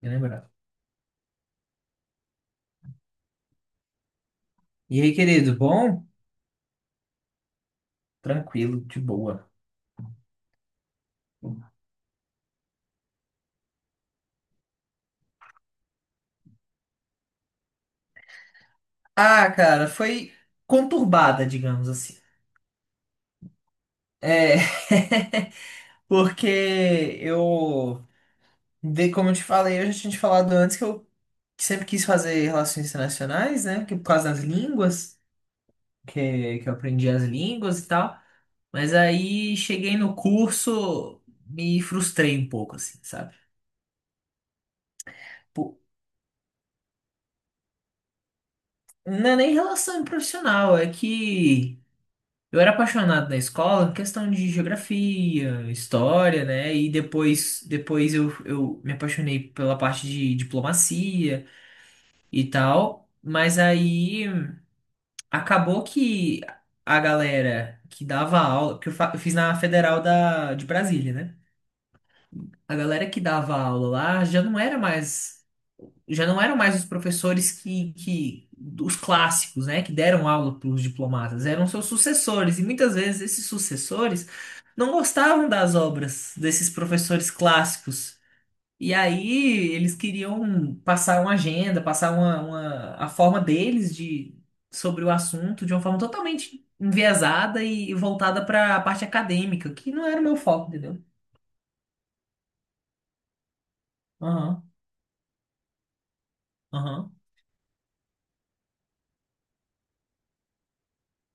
Me lembrar. E aí, querido, bom? Tranquilo, de boa. Ah, cara, foi conturbada, digamos assim. É, porque eu, como eu te falei, eu já tinha te falado antes que eu sempre quis fazer relações internacionais, né? Que por causa das línguas, que eu aprendi as línguas e tal. Mas aí cheguei no curso, me frustrei um pouco, assim, sabe? Pô, não é nem relação profissional, é que. Eu era apaixonado na escola, questão de geografia, história, né? E depois, depois eu me apaixonei pela parte de diplomacia e tal. Mas aí acabou que a galera que dava aula, eu fiz na Federal da, de Brasília, né? A galera que dava aula lá já não era mais. Já não eram mais os professores que, os clássicos, né, que deram aula para os diplomatas, eram seus sucessores, e muitas vezes esses sucessores não gostavam das obras desses professores clássicos. E aí eles queriam passar uma agenda, passar a forma deles de sobre o assunto de uma forma totalmente enviesada e voltada para a parte acadêmica, que não era o meu foco, entendeu? Aham, aham,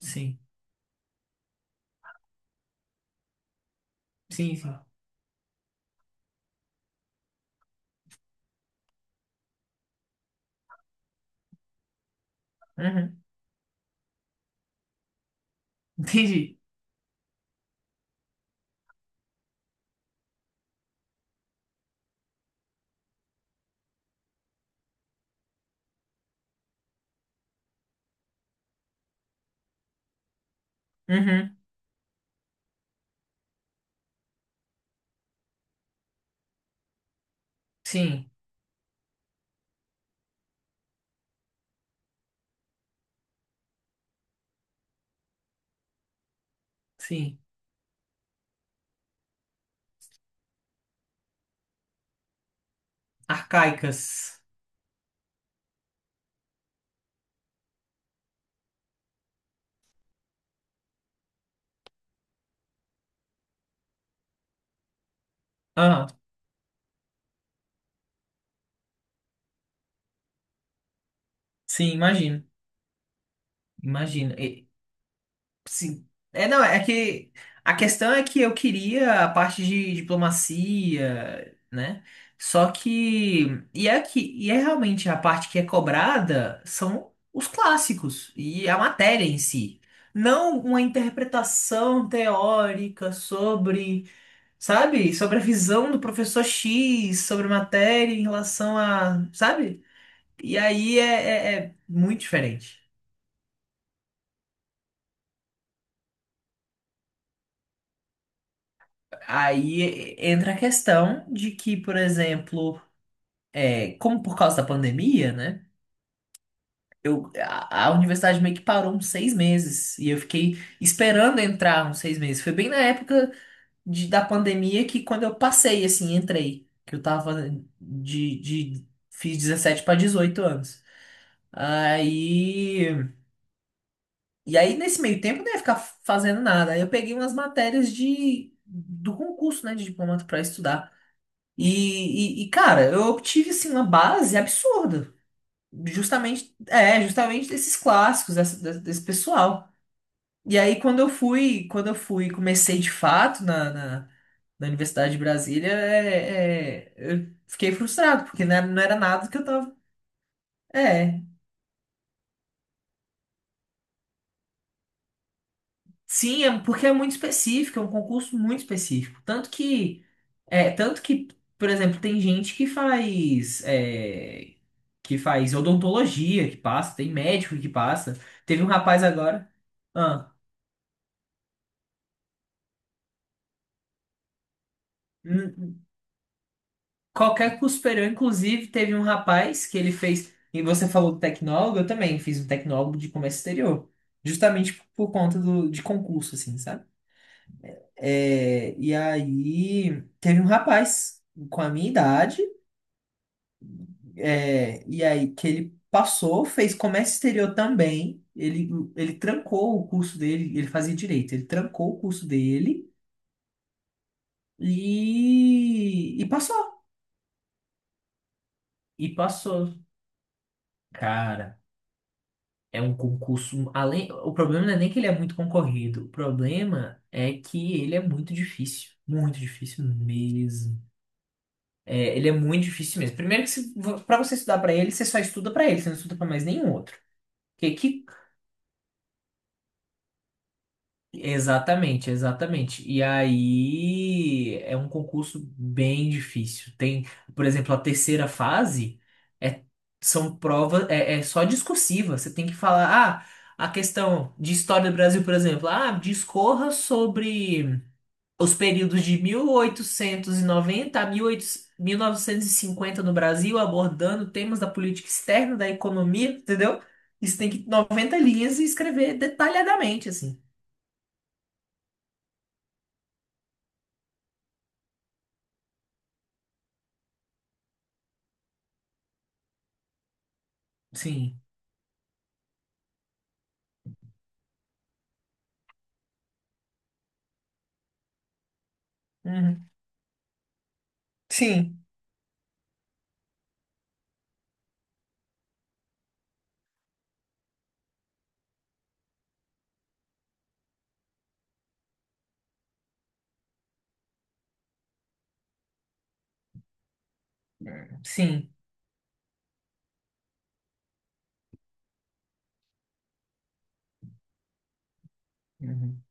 sim, sim, sim. Uhum, entendi. Uhum, sim. Sim. Arcaicas. Aham. Sim, imagino. Imagino. E- sim. É, não, é que a questão é que eu queria a parte de diplomacia, né? Só que. E é que, e é realmente a parte que é cobrada são os clássicos e a matéria em si. Não uma interpretação teórica sobre, sabe? Sobre a visão do professor X sobre matéria em relação a, sabe? E aí é muito diferente. Aí entra a questão de que, por exemplo, é, como por causa da pandemia, né? A universidade meio que parou uns seis meses e eu fiquei esperando entrar uns seis meses. Foi bem na época da pandemia que quando eu passei, assim, entrei. Que eu tava fiz 17 para 18 anos. Aí. E aí, nesse meio tempo, eu não ia ficar fazendo nada. Aí eu peguei umas matérias de, do concurso, né, de diplomata para estudar. Cara, eu obtive, assim, uma base absurda. Justamente, é, justamente desses clássicos, desse pessoal. E aí, quando eu fui, comecei de fato na Universidade de Brasília, eu fiquei frustrado, porque não era, não era nada do que eu tava... É, sim, é, porque é muito específico, é um concurso muito específico. Tanto que, é, tanto que, por exemplo, tem gente que faz, é, que faz odontologia que passa, tem médico que passa. Teve um rapaz agora. Ah, n- qualquer curso superior, inclusive, teve um rapaz que ele fez. E você falou do tecnólogo, eu também fiz um tecnólogo de comércio exterior. Justamente por conta do, de concurso, assim, sabe? É, e aí teve um rapaz com a minha idade. É, e aí que ele passou, fez comércio exterior também. Ele trancou o curso dele, ele fazia direito, ele trancou o curso dele e passou. E passou. Cara, é um concurso. Um, além, o problema não é nem que ele é muito concorrido. O problema é que ele é muito difícil. Muito difícil mesmo. É, ele é muito difícil mesmo. Primeiro que se, você estudar para ele, você só estuda para ele, você não estuda para mais nenhum outro. Que Exatamente, exatamente. E aí é um concurso bem difícil. Tem, por exemplo, a terceira fase é são provas é só discursiva. Você tem que falar, ah, a questão de história do Brasil, por exemplo, ah, discorra sobre os períodos de 1890 a 1800 1950 no Brasil, abordando temas da política externa, da economia, entendeu? Isso tem que 90 linhas e escrever detalhadamente, assim. Sim. Uhum. Sim, sim. Uhum.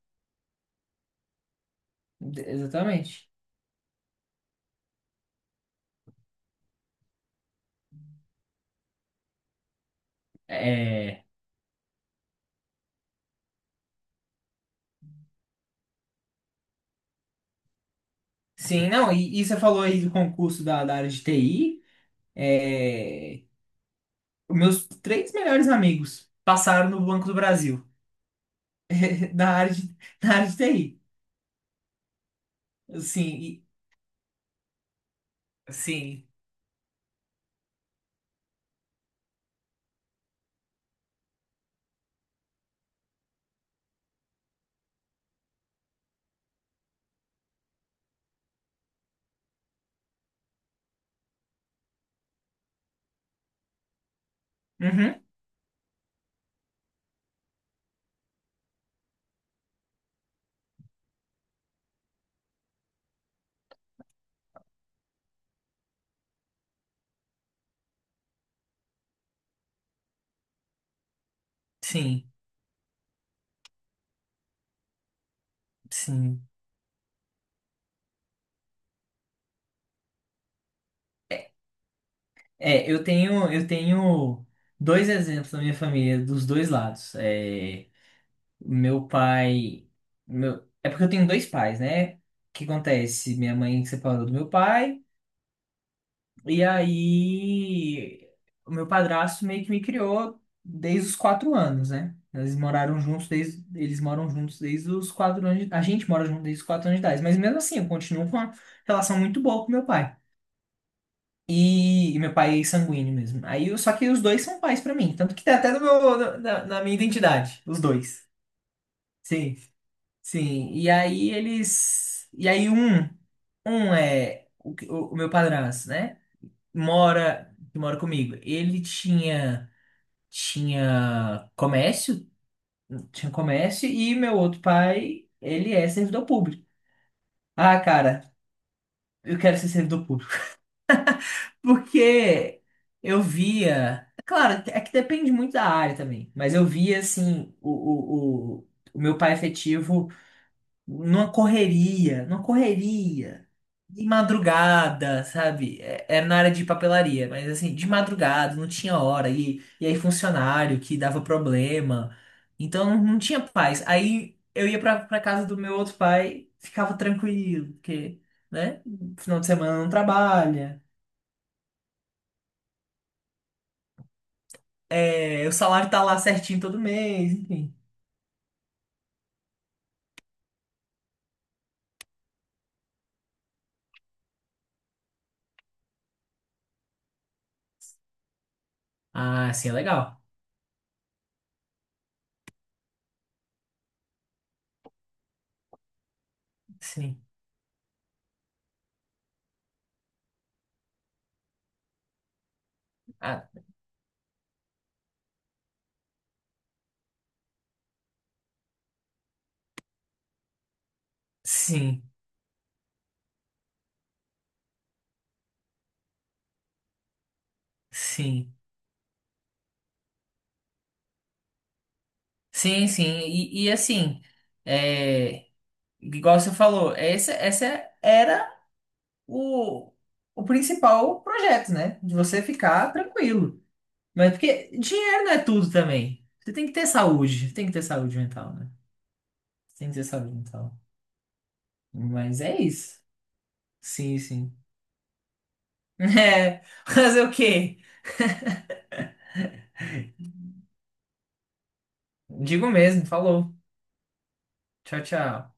Exatamente. É, sim, não, e você falou aí do concurso da, da área de TI. É, os meus três melhores amigos passaram no Banco do Brasil, da área de, da área de TI. Sim, e- sim. Uhum. Sim, sim. É, eu tenho dois exemplos na minha família, dos dois lados. É meu pai. Meu... É porque eu tenho dois pais, né? O que acontece? Minha mãe separou do meu pai, e aí o meu padrasto meio que me criou desde os quatro anos, né? Eles moraram juntos desde. Eles moram juntos desde os quatro anos. A gente mora junto desde os quatro anos de idade. Mas mesmo assim, eu continuo com uma relação muito boa com meu pai. E meu pai é sanguíneo mesmo. Aí, eu- só que os dois são pais pra mim. Tanto que tá até no meu, na, na minha identidade, os dois. Sim. Sim, e aí eles. E aí um é o, o meu padrasto, né? Mora, que mora comigo. Ele tinha tinha comércio, tinha comércio e meu outro pai, ele é servidor público. Ah, cara, eu quero ser servidor público. Porque eu via, é claro, é que depende muito da área também, mas eu via assim o meu pai efetivo numa correria, numa correria. De madrugada, sabe? É, é na área de papelaria, mas assim, de madrugada, não tinha hora. E aí, funcionário que dava problema. Então, não, não tinha paz. Aí, eu ia pra casa do meu outro pai, ficava tranquilo, porque, né? Final de semana não trabalha. É, o salário tá lá certinho todo mês, enfim. Ah, sim, é legal. Sim. Ah, sim, sim. Sim, sim. E assim, é, igual você falou, essa era. O, o principal projeto, né? De você ficar tranquilo. Mas porque dinheiro não é tudo também. Você tem que ter saúde, tem que ter saúde mental, né? Tem que ter saúde mental. Mas é isso. Sim, sim. É, fazer o quê? Digo mesmo, falou. Tchau, tchau.